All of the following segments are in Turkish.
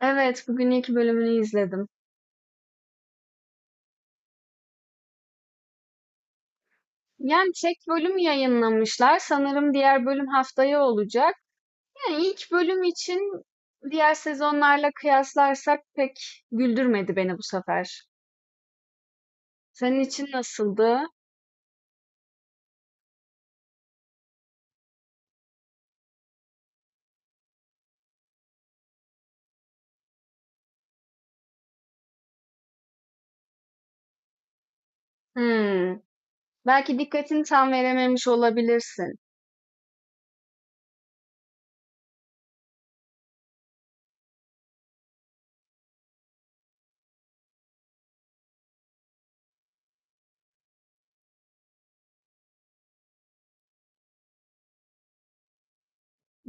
Evet, bugün ilk bölümünü izledim. Yani tek bölüm yayınlamışlar. Sanırım diğer bölüm haftaya olacak. Yani ilk bölüm için diğer sezonlarla kıyaslarsak pek güldürmedi beni bu sefer. Senin için nasıldı? Hmm. Belki dikkatini tam verememiş olabilirsin.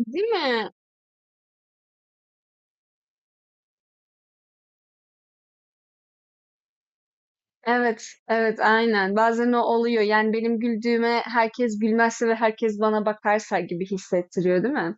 Değil mi? Evet, evet, aynen. Bazen o oluyor. Yani benim güldüğüme herkes gülmezse ve herkes bana bakarsa gibi hissettiriyor, değil mi?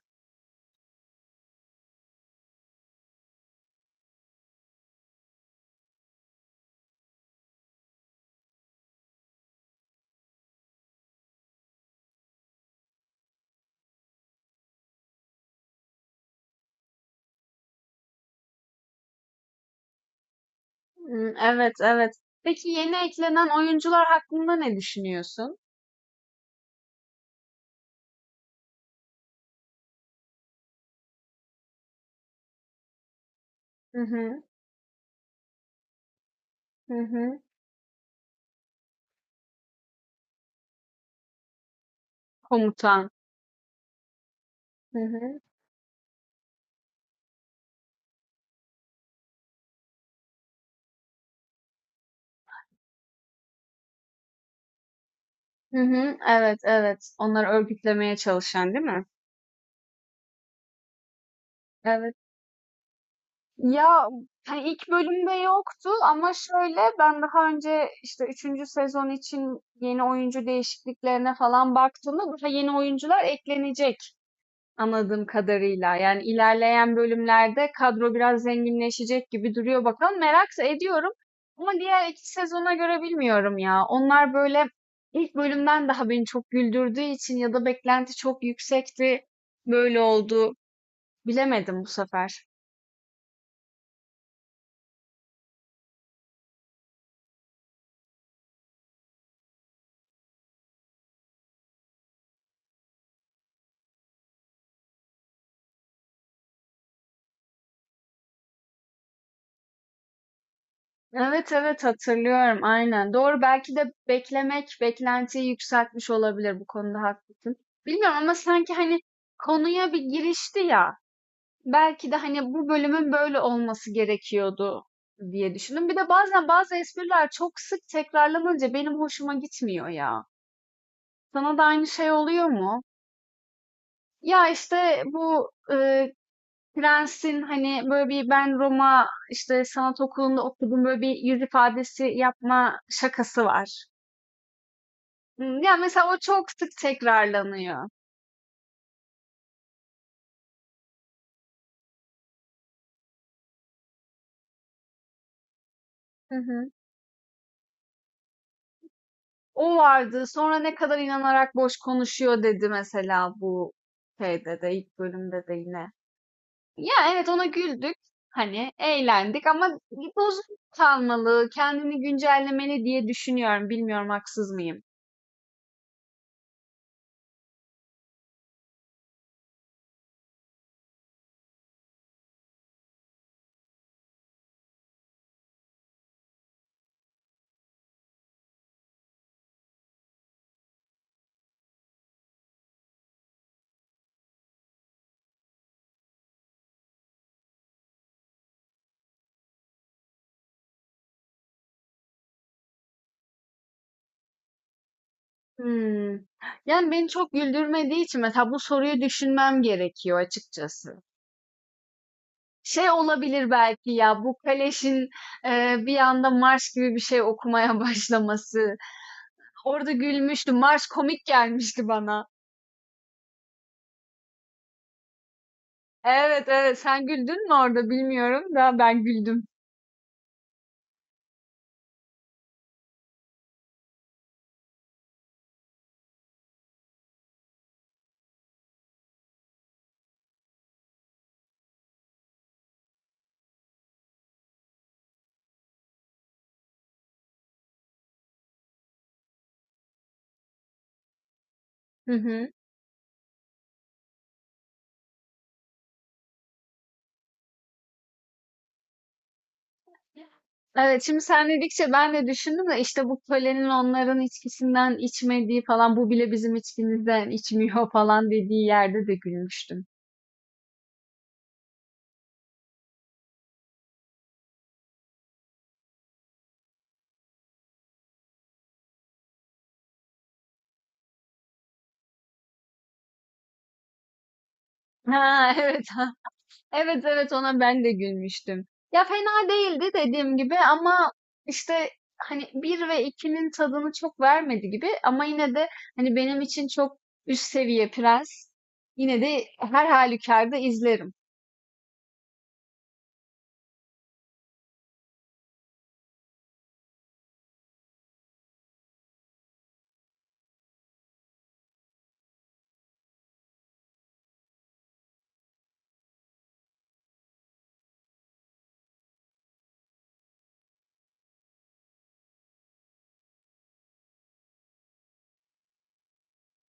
Hımm, evet, evet. Peki yeni eklenen oyuncular hakkında ne düşünüyorsun? Hı hı. Hı hı. Komutan. Hı hı. Hı hı. Evet, evet. Onları örgütlemeye çalışan, değil mi? Evet. Ya, hani, ilk bölümde yoktu ama şöyle, ben daha önce, işte, üçüncü sezon için yeni oyuncu değişikliklerine falan baktığımda daha yeni oyuncular eklenecek. Anladığım kadarıyla. Yani ilerleyen bölümlerde kadro biraz zenginleşecek gibi duruyor bakalım. Merak ediyorum. Ama diğer iki sezona göre bilmiyorum ya. Onlar böyle ilk bölümden daha beni çok güldürdüğü için ya da beklenti çok yüksekti. Böyle oldu. Bilemedim bu sefer. Evet evet hatırlıyorum aynen. Doğru belki de beklemek beklentiyi yükseltmiş olabilir bu konuda haklısın. Bilmiyorum ama sanki hani konuya bir girişti ya. Belki de hani bu bölümün böyle olması gerekiyordu diye düşündüm. Bir de bazen bazı espriler çok sık tekrarlanınca benim hoşuma gitmiyor ya. Sana da aynı şey oluyor mu? Ya işte bu prensin hani böyle bir ben Roma işte sanat okulunda okudum böyle bir yüz ifadesi yapma şakası var. Hmm, ya mesela o çok sık tekrarlanıyor. Hı hı. O vardı. Sonra ne kadar inanarak boş konuşuyor dedi mesela bu şeyde de ilk bölümde de yine. Ya evet ona güldük. Hani eğlendik ama bozuk kalmalı, kendini güncellemeli diye düşünüyorum. Bilmiyorum haksız mıyım? Hmm. Yani beni çok güldürmediği için mesela bu soruyu düşünmem gerekiyor açıkçası. Şey olabilir belki ya bu Kaleş'in bir anda marş gibi bir şey okumaya başlaması. Orada gülmüştüm. Marş komik gelmişti bana. Evet evet sen güldün mü orada bilmiyorum da ben güldüm. Hı hı. Evet, şimdi sen dedikçe ben de düşündüm de işte bu kölenin onların içkisinden içmediği falan bu bile bizim içkimizden içmiyor falan dediği yerde de gülmüştüm. Ha evet ha. Evet evet ona ben de gülmüştüm. Ya fena değildi dediğim gibi ama işte hani bir ve ikinin tadını çok vermedi gibi ama yine de hani benim için çok üst seviye prens. Yine de her halükarda izlerim.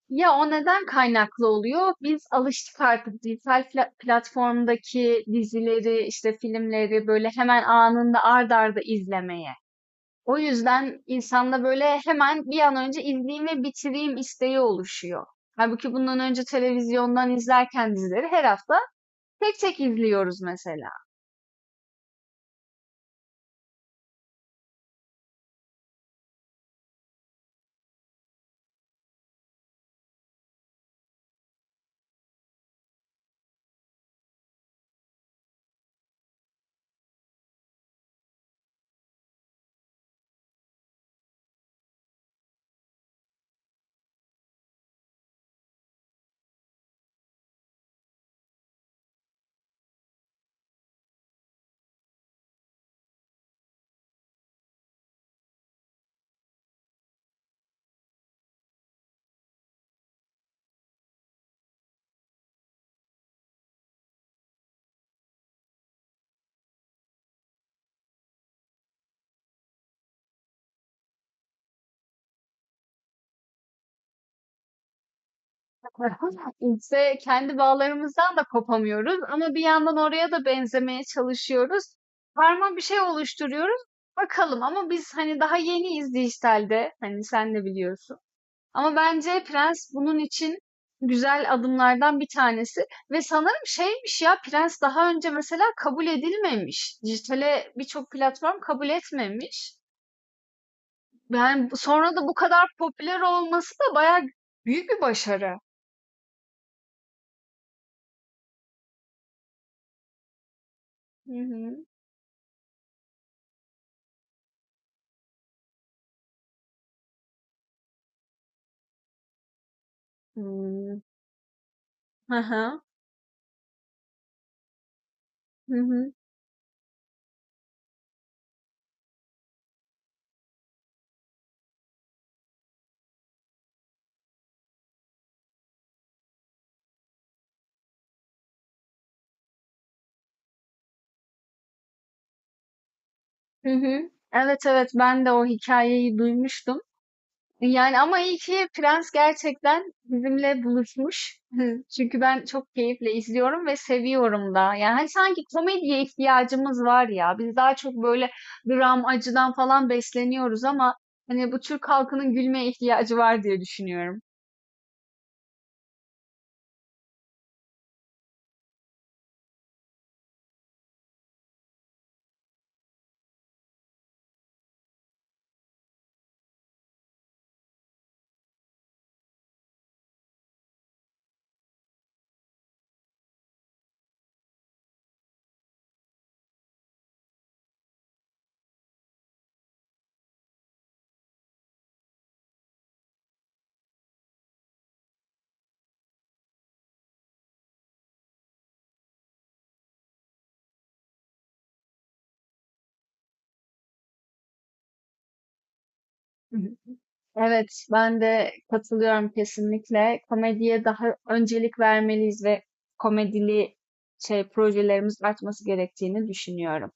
Ya o neden kaynaklı oluyor? Biz alıştık artık dijital platformdaki dizileri, işte filmleri böyle hemen anında ard arda izlemeye. O yüzden insanda böyle hemen bir an önce izleyeyim ve bitireyim isteği oluşuyor. Halbuki bundan önce televizyondan izlerken dizileri her hafta tek tek izliyoruz mesela. İşte kendi bağlarımızdan da kopamıyoruz ama bir yandan oraya da benzemeye çalışıyoruz. Karma bir şey oluşturuyoruz. Bakalım ama biz hani daha yeniyiz dijitalde. Hani sen de biliyorsun. Ama bence Prens bunun için güzel adımlardan bir tanesi. Ve sanırım şeymiş ya Prens daha önce mesela kabul edilmemiş. Dijitale birçok platform kabul etmemiş. Yani sonra da bu kadar popüler olması da bayağı büyük bir başarı. Hı hı. Hmm. Hı hı. Hı hı. Hı hı. Evet evet ben de o hikayeyi duymuştum. Yani ama iyi ki Prens gerçekten bizimle buluşmuş. Hı. Çünkü ben çok keyifle izliyorum ve seviyorum da. Yani hani sanki komediye ihtiyacımız var ya. Biz daha çok böyle dram, acıdan falan besleniyoruz ama hani bu Türk halkının gülmeye ihtiyacı var diye düşünüyorum. Evet, ben de katılıyorum kesinlikle. Komediye daha öncelik vermeliyiz ve komedili şey projelerimiz artması gerektiğini düşünüyorum.